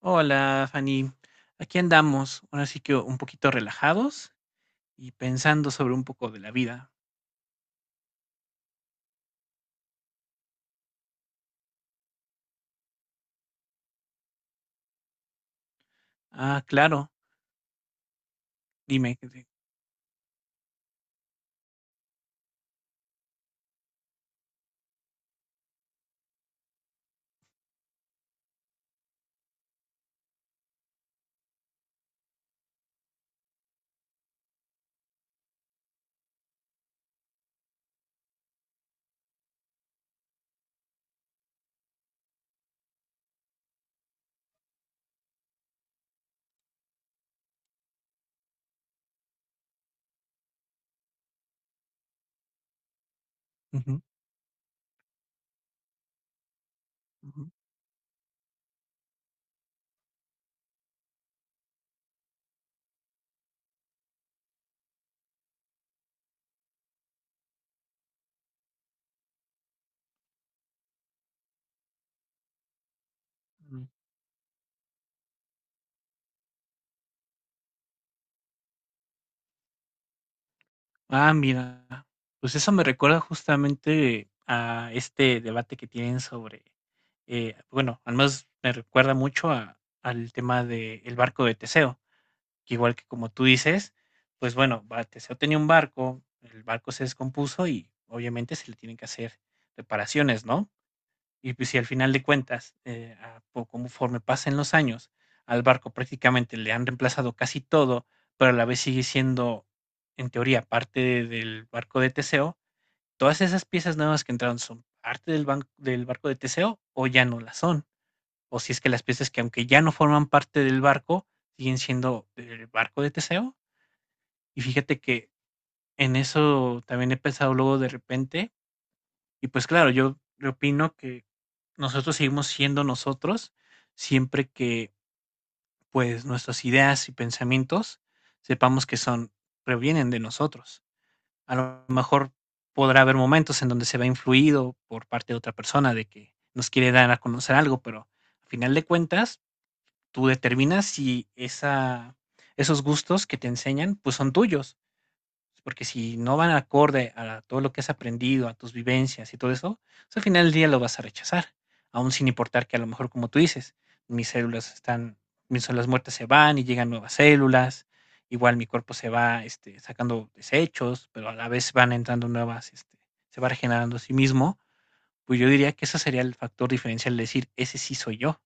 Hola, Fanny. Aquí andamos, ahora sí que un poquito relajados y pensando sobre un poco de la vida. Ah, claro, dime. Ujú, ujú, ujú. Ah, mira, pues eso me recuerda justamente a este debate que tienen sobre, bueno, al menos me recuerda mucho al tema del barco de Teseo, que igual que como tú dices, pues bueno, va, Teseo tenía un barco, el barco se descompuso y obviamente se le tienen que hacer reparaciones, ¿no? Y pues si al final de cuentas, conforme pasen los años, al barco prácticamente le han reemplazado casi todo, pero a la vez sigue siendo, en teoría, parte del barco de Teseo, todas esas piezas nuevas que entraron son parte del barco de Teseo o ya no las son. O si es que las piezas que aunque ya no forman parte del barco, siguen siendo del barco de Teseo. Y fíjate que en eso también he pensado luego de repente y pues claro, yo opino que nosotros seguimos siendo nosotros siempre que pues nuestras ideas y pensamientos sepamos que son provienen de nosotros. A lo mejor podrá haber momentos en donde se ve influido por parte de otra persona de que nos quiere dar a conocer algo, pero al final de cuentas tú determinas si esa esos gustos que te enseñan pues son tuyos. Porque si no van acorde a todo lo que has aprendido, a tus vivencias y todo eso, pues al final del día lo vas a rechazar, aún sin importar que a lo mejor, como tú dices, mis células están, mis células muertas se van y llegan nuevas células, igual mi cuerpo se va sacando desechos, pero a la vez van entrando nuevas, se va regenerando a sí mismo, pues yo diría que ese sería el factor diferencial de decir, ese sí soy yo,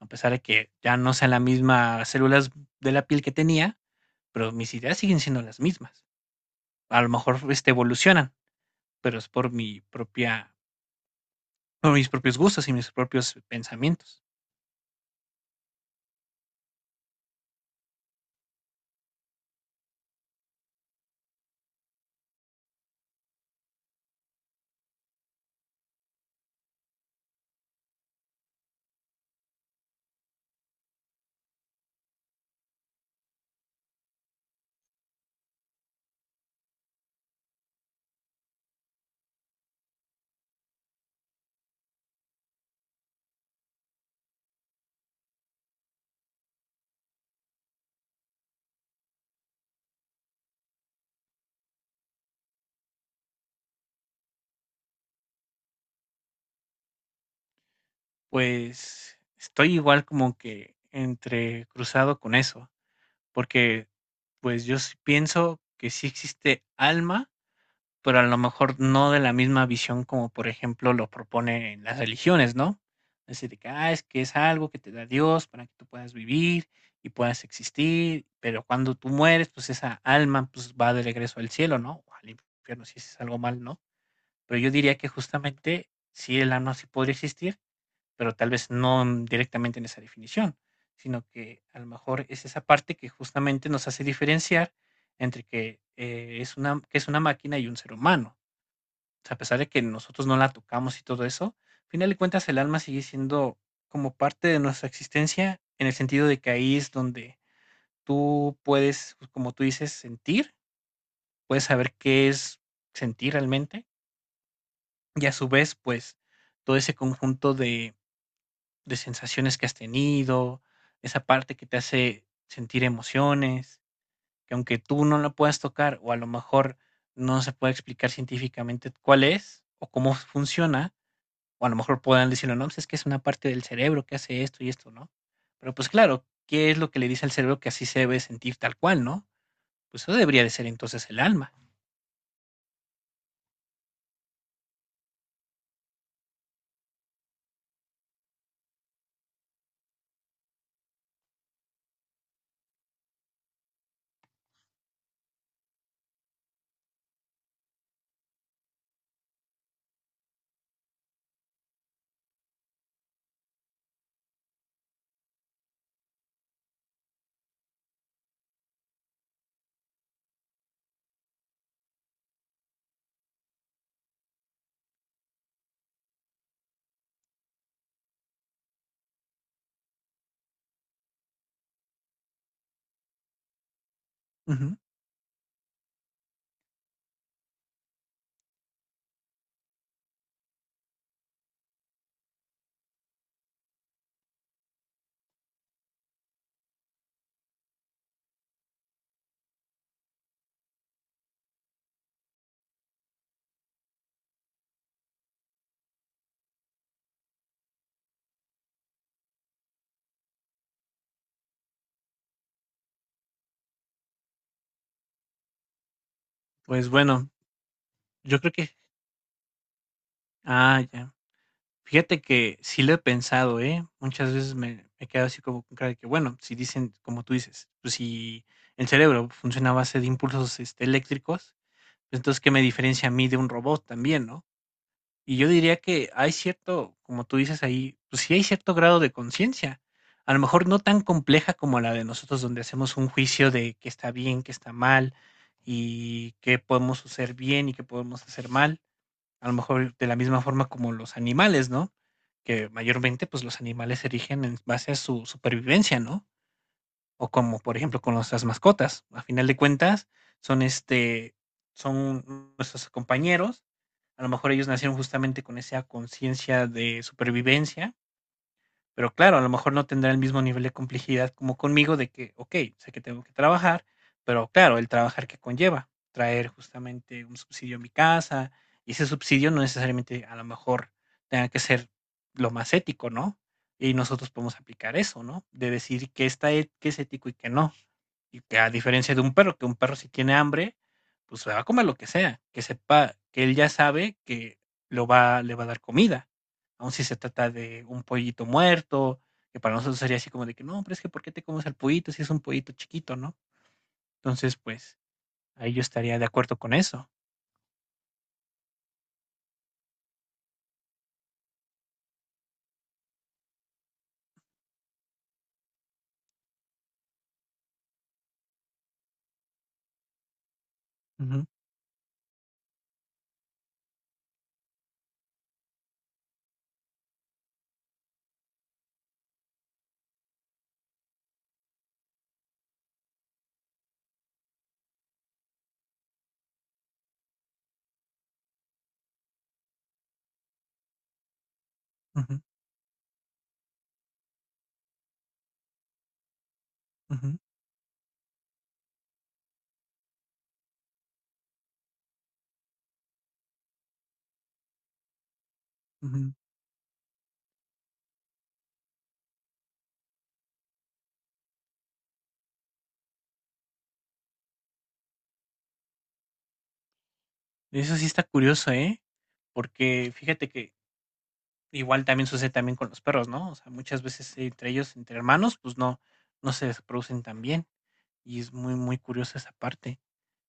a pesar de que ya no sean las mismas células de la piel que tenía, pero mis ideas siguen siendo las mismas a lo mejor evolucionan, pero es por mis propios gustos y mis propios pensamientos. Pues estoy igual como que entre cruzado con eso, porque pues yo sí pienso que sí existe alma, pero a lo mejor no de la misma visión como, por ejemplo, lo proponen las religiones, ¿no? Así de que, ah, es que es algo que te da Dios para que tú puedas vivir y puedas existir, pero cuando tú mueres, pues esa alma pues va de regreso al cielo, ¿no? O al infierno, si es algo mal, ¿no? Pero yo diría que justamente sí, el alma sí podría existir, pero tal vez no directamente en esa definición, sino que a lo mejor es esa parte que justamente nos hace diferenciar entre que es una máquina y un ser humano. O sea, a pesar de que nosotros no la tocamos y todo eso, al final de cuentas el alma sigue siendo como parte de nuestra existencia, en el sentido de que ahí es donde tú puedes, pues, como tú dices, sentir, puedes saber qué es sentir realmente, y a su vez, pues, todo ese conjunto de sensaciones que has tenido, esa parte que te hace sentir emociones, que aunque tú no la puedas tocar o a lo mejor no se puede explicar científicamente cuál es o cómo funciona, o a lo mejor podrán decirlo, no, pues es que es una parte del cerebro que hace esto y esto, ¿no? Pero pues claro, ¿qué es lo que le dice al cerebro que así se debe sentir tal cual, no? Pues eso debería de ser entonces el alma. Ujú. Pues bueno, yo creo que, ah, ya. Fíjate que sí lo he pensado, ¿eh? Muchas veces me he quedado así como con cara de que, bueno, si dicen, como tú dices, pues si el cerebro funciona a base de impulsos eléctricos, pues entonces, ¿qué me diferencia a mí de un robot también, no? Y yo diría que hay cierto, como tú dices ahí, pues sí hay cierto grado de conciencia. A lo mejor no tan compleja como la de nosotros, donde hacemos un juicio de qué está bien, qué está mal, y qué podemos hacer bien y qué podemos hacer mal. A lo mejor de la misma forma como los animales, ¿no? Que mayormente, pues los animales se erigen en base a su supervivencia, ¿no? O como, por ejemplo, con nuestras mascotas. A final de cuentas, son este, son nuestros compañeros, a lo mejor ellos nacieron justamente con esa conciencia de supervivencia, pero claro, a lo mejor no tendrá el mismo nivel de complejidad como conmigo de que, okey, sé que tengo que trabajar, pero claro, el trabajar que conlleva, traer justamente un subsidio a mi casa, y ese subsidio no necesariamente a lo mejor tenga que ser lo más ético, ¿no? Y nosotros podemos aplicar eso, ¿no? De decir qué está e qué es ético y qué no. Y que a diferencia de un perro, que un perro si tiene hambre, pues se va a comer lo que sea, que sepa, que él ya sabe que le va a dar comida. Aun si se trata de un pollito muerto, que para nosotros sería así como de que no, pero es que ¿por qué te comes al pollito si es un pollito chiquito, no? Entonces, pues ahí yo estaría de acuerdo con eso. Ujú, ujú, ujú, ujú. Eso sí está curioso, ¿eh? Porque fíjate que igual también sucede también con los perros, ¿no? O sea, muchas veces entre ellos, entre hermanos, pues no, no se producen tan bien. Y es muy, muy curiosa esa parte,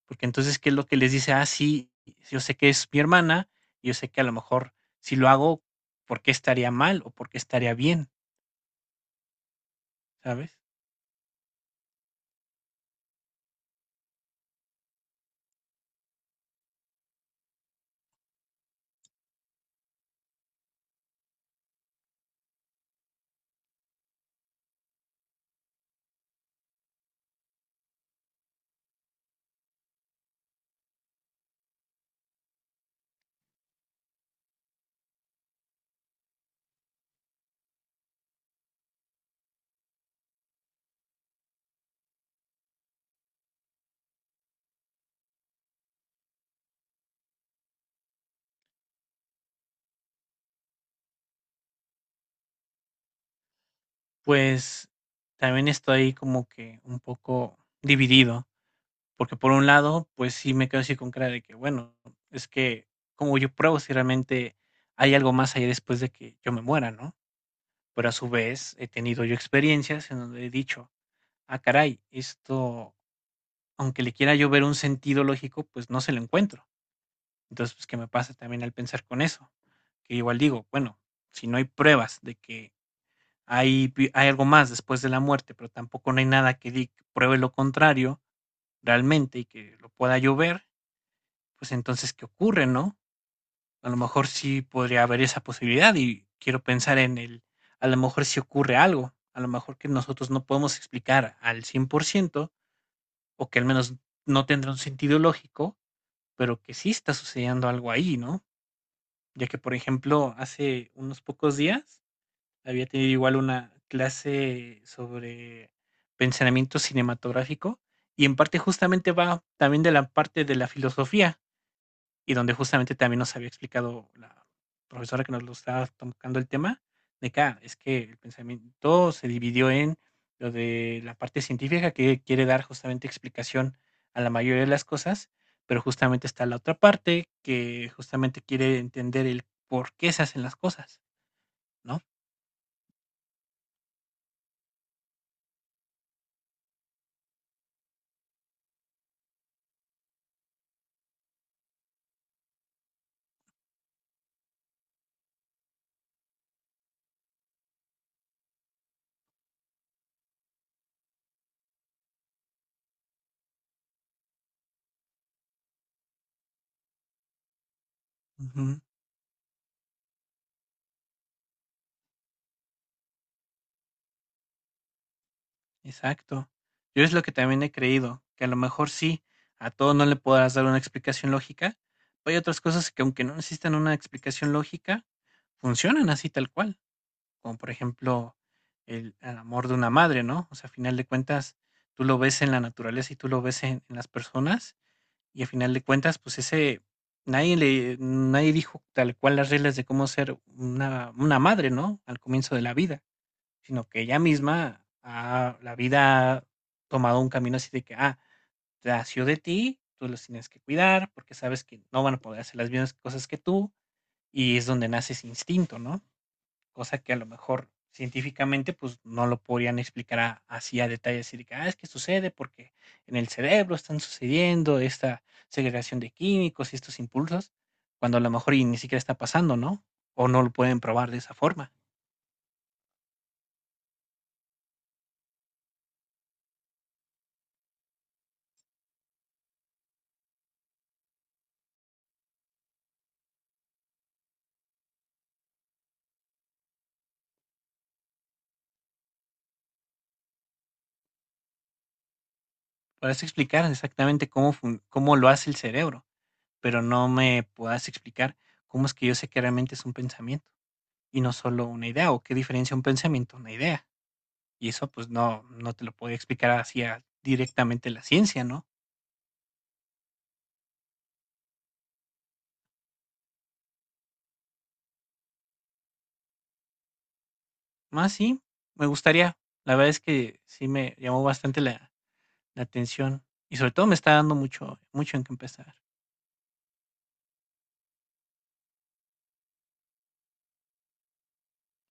porque entonces, ¿qué es lo que les dice? Ah, sí, yo sé que es mi hermana, y yo sé que a lo mejor si lo hago, ¿por qué estaría mal o por qué estaría bien? ¿Sabes? Pues también estoy como que un poco dividido, porque por un lado, pues sí me quedo así con cara de que, bueno, es que como yo pruebo si realmente hay algo más allá después de que yo me muera, ¿no? Pero a su vez he tenido yo experiencias en donde he dicho, ah, caray, esto aunque le quiera yo ver un sentido lógico, pues no se lo encuentro. Entonces, pues, ¿qué me pasa también al pensar con eso? Que igual digo, bueno, si no hay pruebas de que hay algo más después de la muerte, pero tampoco no hay nada que pruebe lo contrario realmente y que lo pueda yo ver, pues entonces, ¿qué ocurre, no? A lo mejor sí podría haber esa posibilidad y quiero pensar a lo mejor sí ocurre algo, a lo mejor que nosotros no podemos explicar al 100% o que al menos no tendrá un sentido lógico. Pero que sí está sucediendo algo ahí, ¿no? Ya que, por ejemplo, hace unos pocos días había tenido igual una clase sobre pensamiento cinematográfico y en parte justamente va también de la parte de la filosofía y donde justamente también nos había explicado la profesora que nos lo estaba tocando el tema, de que ah, es que el pensamiento se dividió en lo de la parte científica que quiere dar justamente explicación a la mayoría de las cosas, pero justamente está la otra parte que justamente quiere entender el por qué se hacen las cosas, ¿no? Ujú. Exacto. Yo es lo que también he creído, que a lo mejor sí, a todo no le podrás dar una explicación lógica, pero hay otras cosas que aunque no necesitan una explicación lógica, funcionan así tal cual, como por ejemplo el amor de una madre, ¿no? O sea, a final de cuentas, tú lo ves en la naturaleza y tú lo ves en las personas y a final de cuentas, pues ese, nadie le, nadie dijo tal cual las reglas de cómo ser una madre, ¿no? Al comienzo de la vida, sino que ella misma ha la vida ha tomado un camino así de que, ah, nació de ti, tú los tienes que cuidar porque sabes que no van a poder hacer las mismas cosas que tú, y es donde nace ese instinto, ¿no? Cosa que a lo mejor científicamente pues no lo podrían explicar así a detalle, así de que, ah, es que sucede porque en el cerebro están sucediendo esta segregación de químicos y estos impulsos, cuando a lo mejor y ni siquiera está pasando, ¿no? O no lo pueden probar de esa forma. Podrás explicar exactamente cómo lo hace el cerebro, pero no me puedas explicar cómo es que yo sé que realmente es un pensamiento y no solo una idea o qué diferencia un pensamiento a una idea. Y eso pues no, no te lo puede explicar así directamente la ciencia, ¿no? Más sí, me gustaría. La verdad es que sí me llamó bastante la atención y sobre todo me está dando mucho, mucho en qué empezar.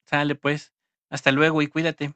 Sale pues, hasta luego y cuídate.